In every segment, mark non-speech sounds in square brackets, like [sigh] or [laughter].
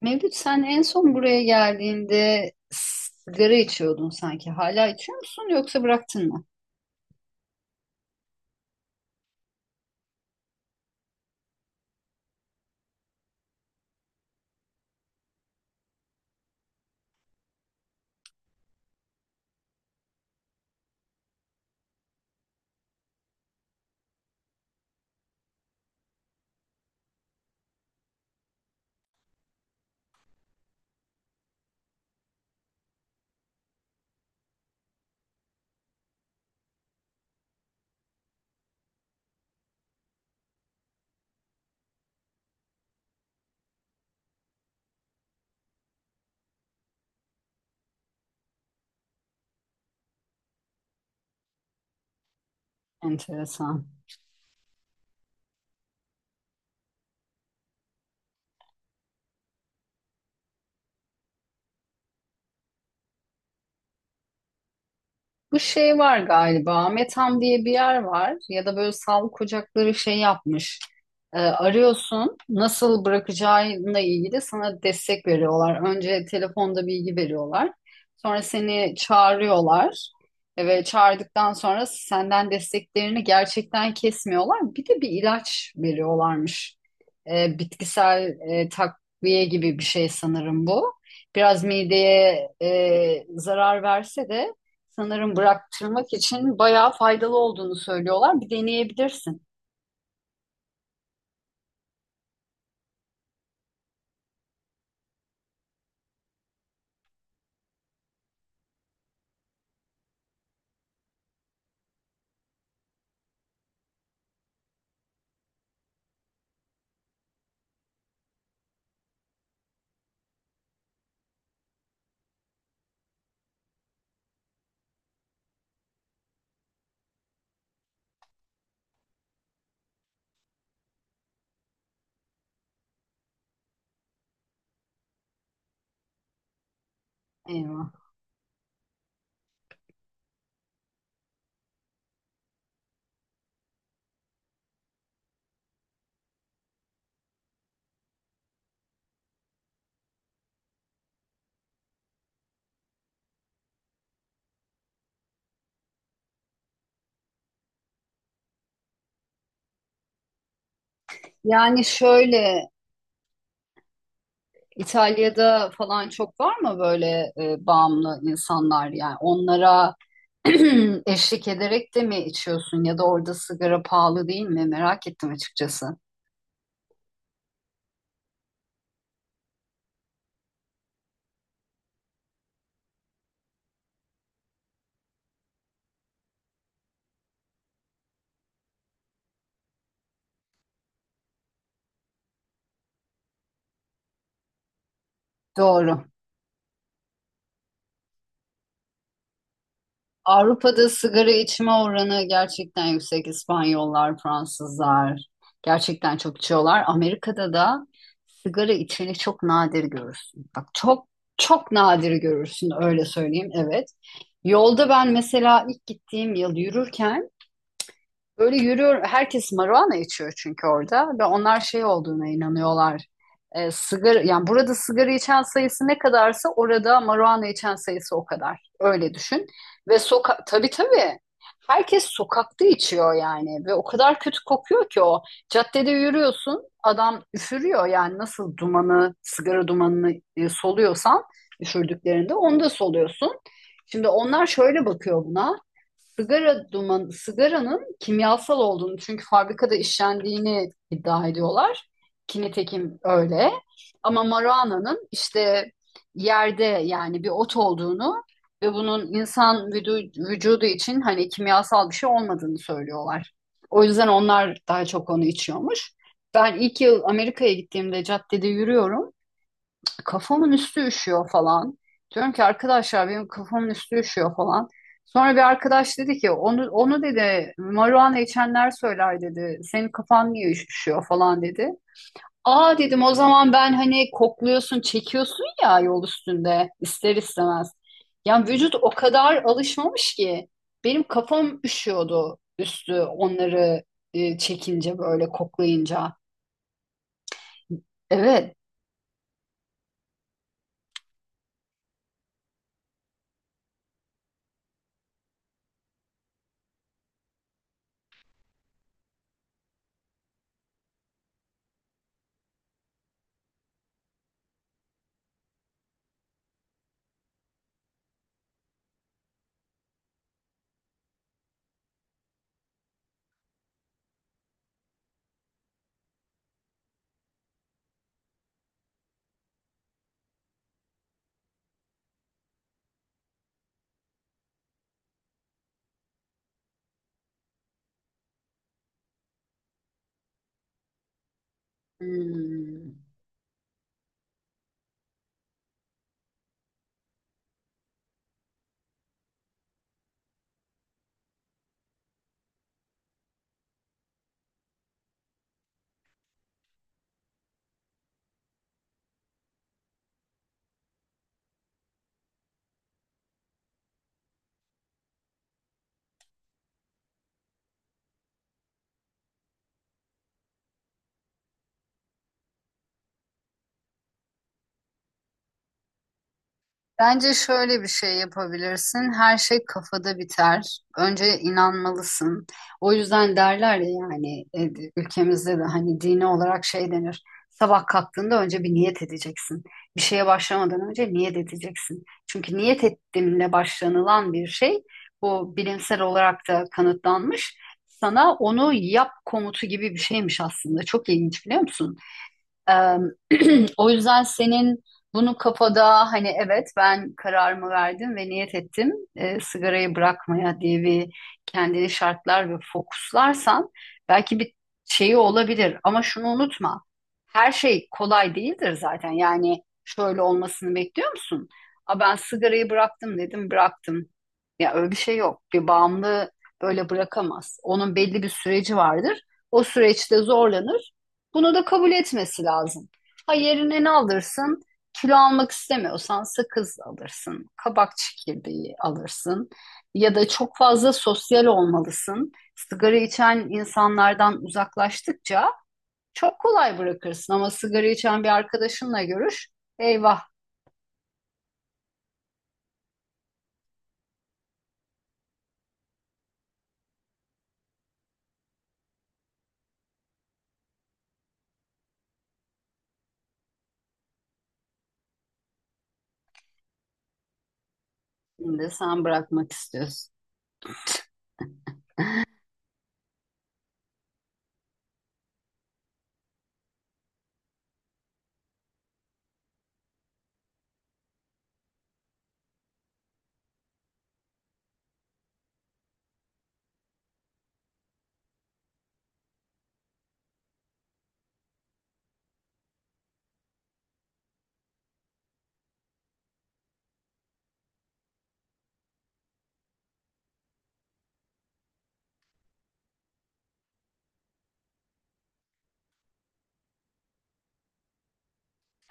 Mevlüt sen en son buraya geldiğinde sigara içiyordun sanki. Hala içiyor musun yoksa bıraktın mı? Enteresan. Bu şey var galiba. Metam diye bir yer var ya da böyle sağlık ocakları şey yapmış. Arıyorsun nasıl bırakacağınla ilgili sana destek veriyorlar. Önce telefonda bilgi veriyorlar. Sonra seni çağırıyorlar ve çağırdıktan sonra senden desteklerini gerçekten kesmiyorlar. Bir de bir ilaç veriyorlarmış. Bitkisel takviye gibi bir şey sanırım bu. Biraz mideye zarar verse de sanırım bıraktırmak için bayağı faydalı olduğunu söylüyorlar. Bir deneyebilirsin. Eyvah. Yani şöyle İtalya'da falan çok var mı böyle bağımlı insanlar? Yani onlara [clears throat] eşlik ederek de mi içiyorsun ya da orada sigara pahalı değil mi? Merak ettim açıkçası. Doğru. Avrupa'da sigara içme oranı gerçekten yüksek. İspanyollar, Fransızlar gerçekten çok içiyorlar. Amerika'da da sigara içeni çok nadir görürsün. Bak çok çok nadir görürsün öyle söyleyeyim. Evet. Yolda ben mesela ilk gittiğim yıl yürürken böyle yürüyor, herkes marijuana içiyor çünkü orada ve onlar şey olduğuna inanıyorlar. Sigara, yani burada sigara içen sayısı ne kadarsa orada marijuana içen sayısı o kadar. Öyle düşün. Ve tabii tabii. Herkes sokakta içiyor yani ve o kadar kötü kokuyor ki o. Caddede yürüyorsun, adam üfürüyor yani nasıl sigara dumanını soluyorsan üfürdüklerinde onu da soluyorsun. Şimdi onlar şöyle bakıyor buna. Sigaranın kimyasal olduğunu çünkü fabrikada işlendiğini iddia ediyorlar. Ki nitekim öyle. Ama maruana'nın işte yerde yani bir ot olduğunu ve bunun insan vücudu için hani kimyasal bir şey olmadığını söylüyorlar. O yüzden onlar daha çok onu içiyormuş. Ben ilk yıl Amerika'ya gittiğimde caddede yürüyorum. Kafamın üstü üşüyor falan. Diyorum ki arkadaşlar benim kafamın üstü üşüyor falan. Sonra bir arkadaş dedi ki onu dedi marijuana içenler söyler dedi. Senin kafan niye üşüyor falan dedi. Aa dedim o zaman ben hani kokluyorsun çekiyorsun ya yol üstünde ister istemez. Yani vücut o kadar alışmamış ki benim kafam üşüyordu üstü onları çekince böyle koklayınca. Evet. Hmm. Bence şöyle bir şey yapabilirsin. Her şey kafada biter. Önce inanmalısın. O yüzden derler ya yani ülkemizde de hani dini olarak şey denir. Sabah kalktığında önce bir niyet edeceksin. Bir şeye başlamadan önce niyet edeceksin. Çünkü niyet ettiğinle başlanılan bir şey bu bilimsel olarak da kanıtlanmış. Sana onu yap komutu gibi bir şeymiş aslında. Çok ilginç biliyor musun? Eee, [clears throat] o yüzden senin bunu kafada hani evet ben kararımı verdim ve niyet ettim sigarayı bırakmaya diye bir kendini şartlar ve fokuslarsan belki bir şeyi olabilir. Ama şunu unutma. Her şey kolay değildir zaten. Yani şöyle olmasını bekliyor musun? A ben sigarayı bıraktım dedim bıraktım. Ya öyle bir şey yok. Bir bağımlı böyle bırakamaz. Onun belli bir süreci vardır. O süreçte zorlanır. Bunu da kabul etmesi lazım. Ha yerine ne alırsın? Kilo almak istemiyorsan sakız alırsın, kabak çekirdeği alırsın ya da çok fazla sosyal olmalısın. Sigara içen insanlardan uzaklaştıkça çok kolay bırakırsın ama sigara içen bir arkadaşınla görüş, eyvah şimdi sen bırakmak istiyorsun.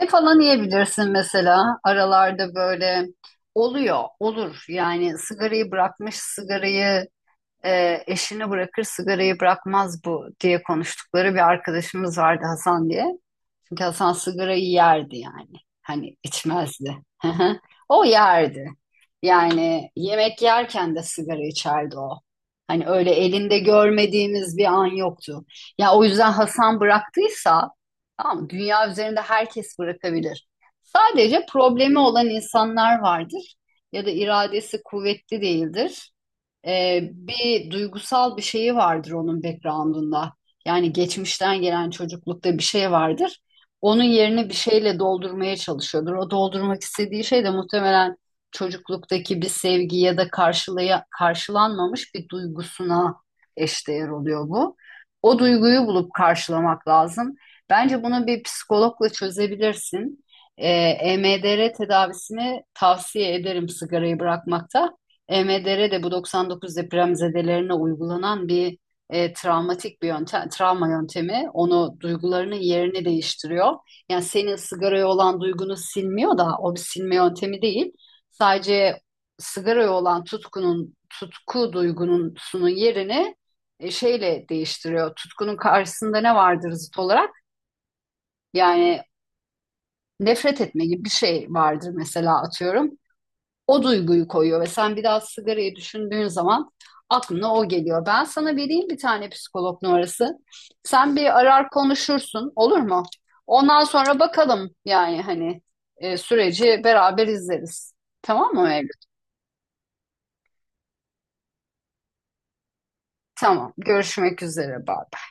Ne falan yiyebilirsin mesela aralarda böyle oluyor, olur. Yani sigarayı bırakmış, sigarayı eşini bırakır sigarayı bırakmaz bu diye konuştukları bir arkadaşımız vardı Hasan diye. Çünkü Hasan sigarayı yerdi yani. Hani içmezdi. [laughs] Hı hı. O yerdi. Yani yemek yerken de sigara içerdi o. Hani öyle elinde görmediğimiz bir an yoktu. Ya o yüzden Hasan bıraktıysa tamam mı? Dünya üzerinde herkes bırakabilir. Sadece problemi olan insanlar vardır ya da iradesi kuvvetli değildir. Bir duygusal bir şeyi vardır onun background'unda. Yani geçmişten gelen çocuklukta bir şey vardır onun yerine bir şeyle doldurmaya çalışıyordur. O doldurmak istediği şey de muhtemelen çocukluktaki bir sevgi ya da karşılanmamış bir duygusuna eşdeğer oluyor bu. O duyguyu bulup karşılamak lazım. Bence bunu bir psikologla çözebilirsin. Ee, EMDR tedavisini tavsiye ederim sigarayı bırakmakta. EMDR de bu 99 depremzedelerine uygulanan bir travmatik bir yöntem, travma yöntemi onu duygularının yerini değiştiriyor. Yani senin sigaraya olan duygunu silmiyor da o bir silme yöntemi değil. Sadece sigaraya olan tutku duygusunun yerini şeyle değiştiriyor. Tutkunun karşısında ne vardır zıt olarak? Yani nefret etme gibi bir şey vardır mesela atıyorum o duyguyu koyuyor ve sen biraz sigarayı düşündüğün zaman aklına o geliyor. Ben sana vereyim bir tane psikolog numarası. Sen bir arar konuşursun olur mu? Ondan sonra bakalım yani hani süreci beraber izleriz. Tamam mı Mevlüt? Tamam. Görüşmek üzere. Bye.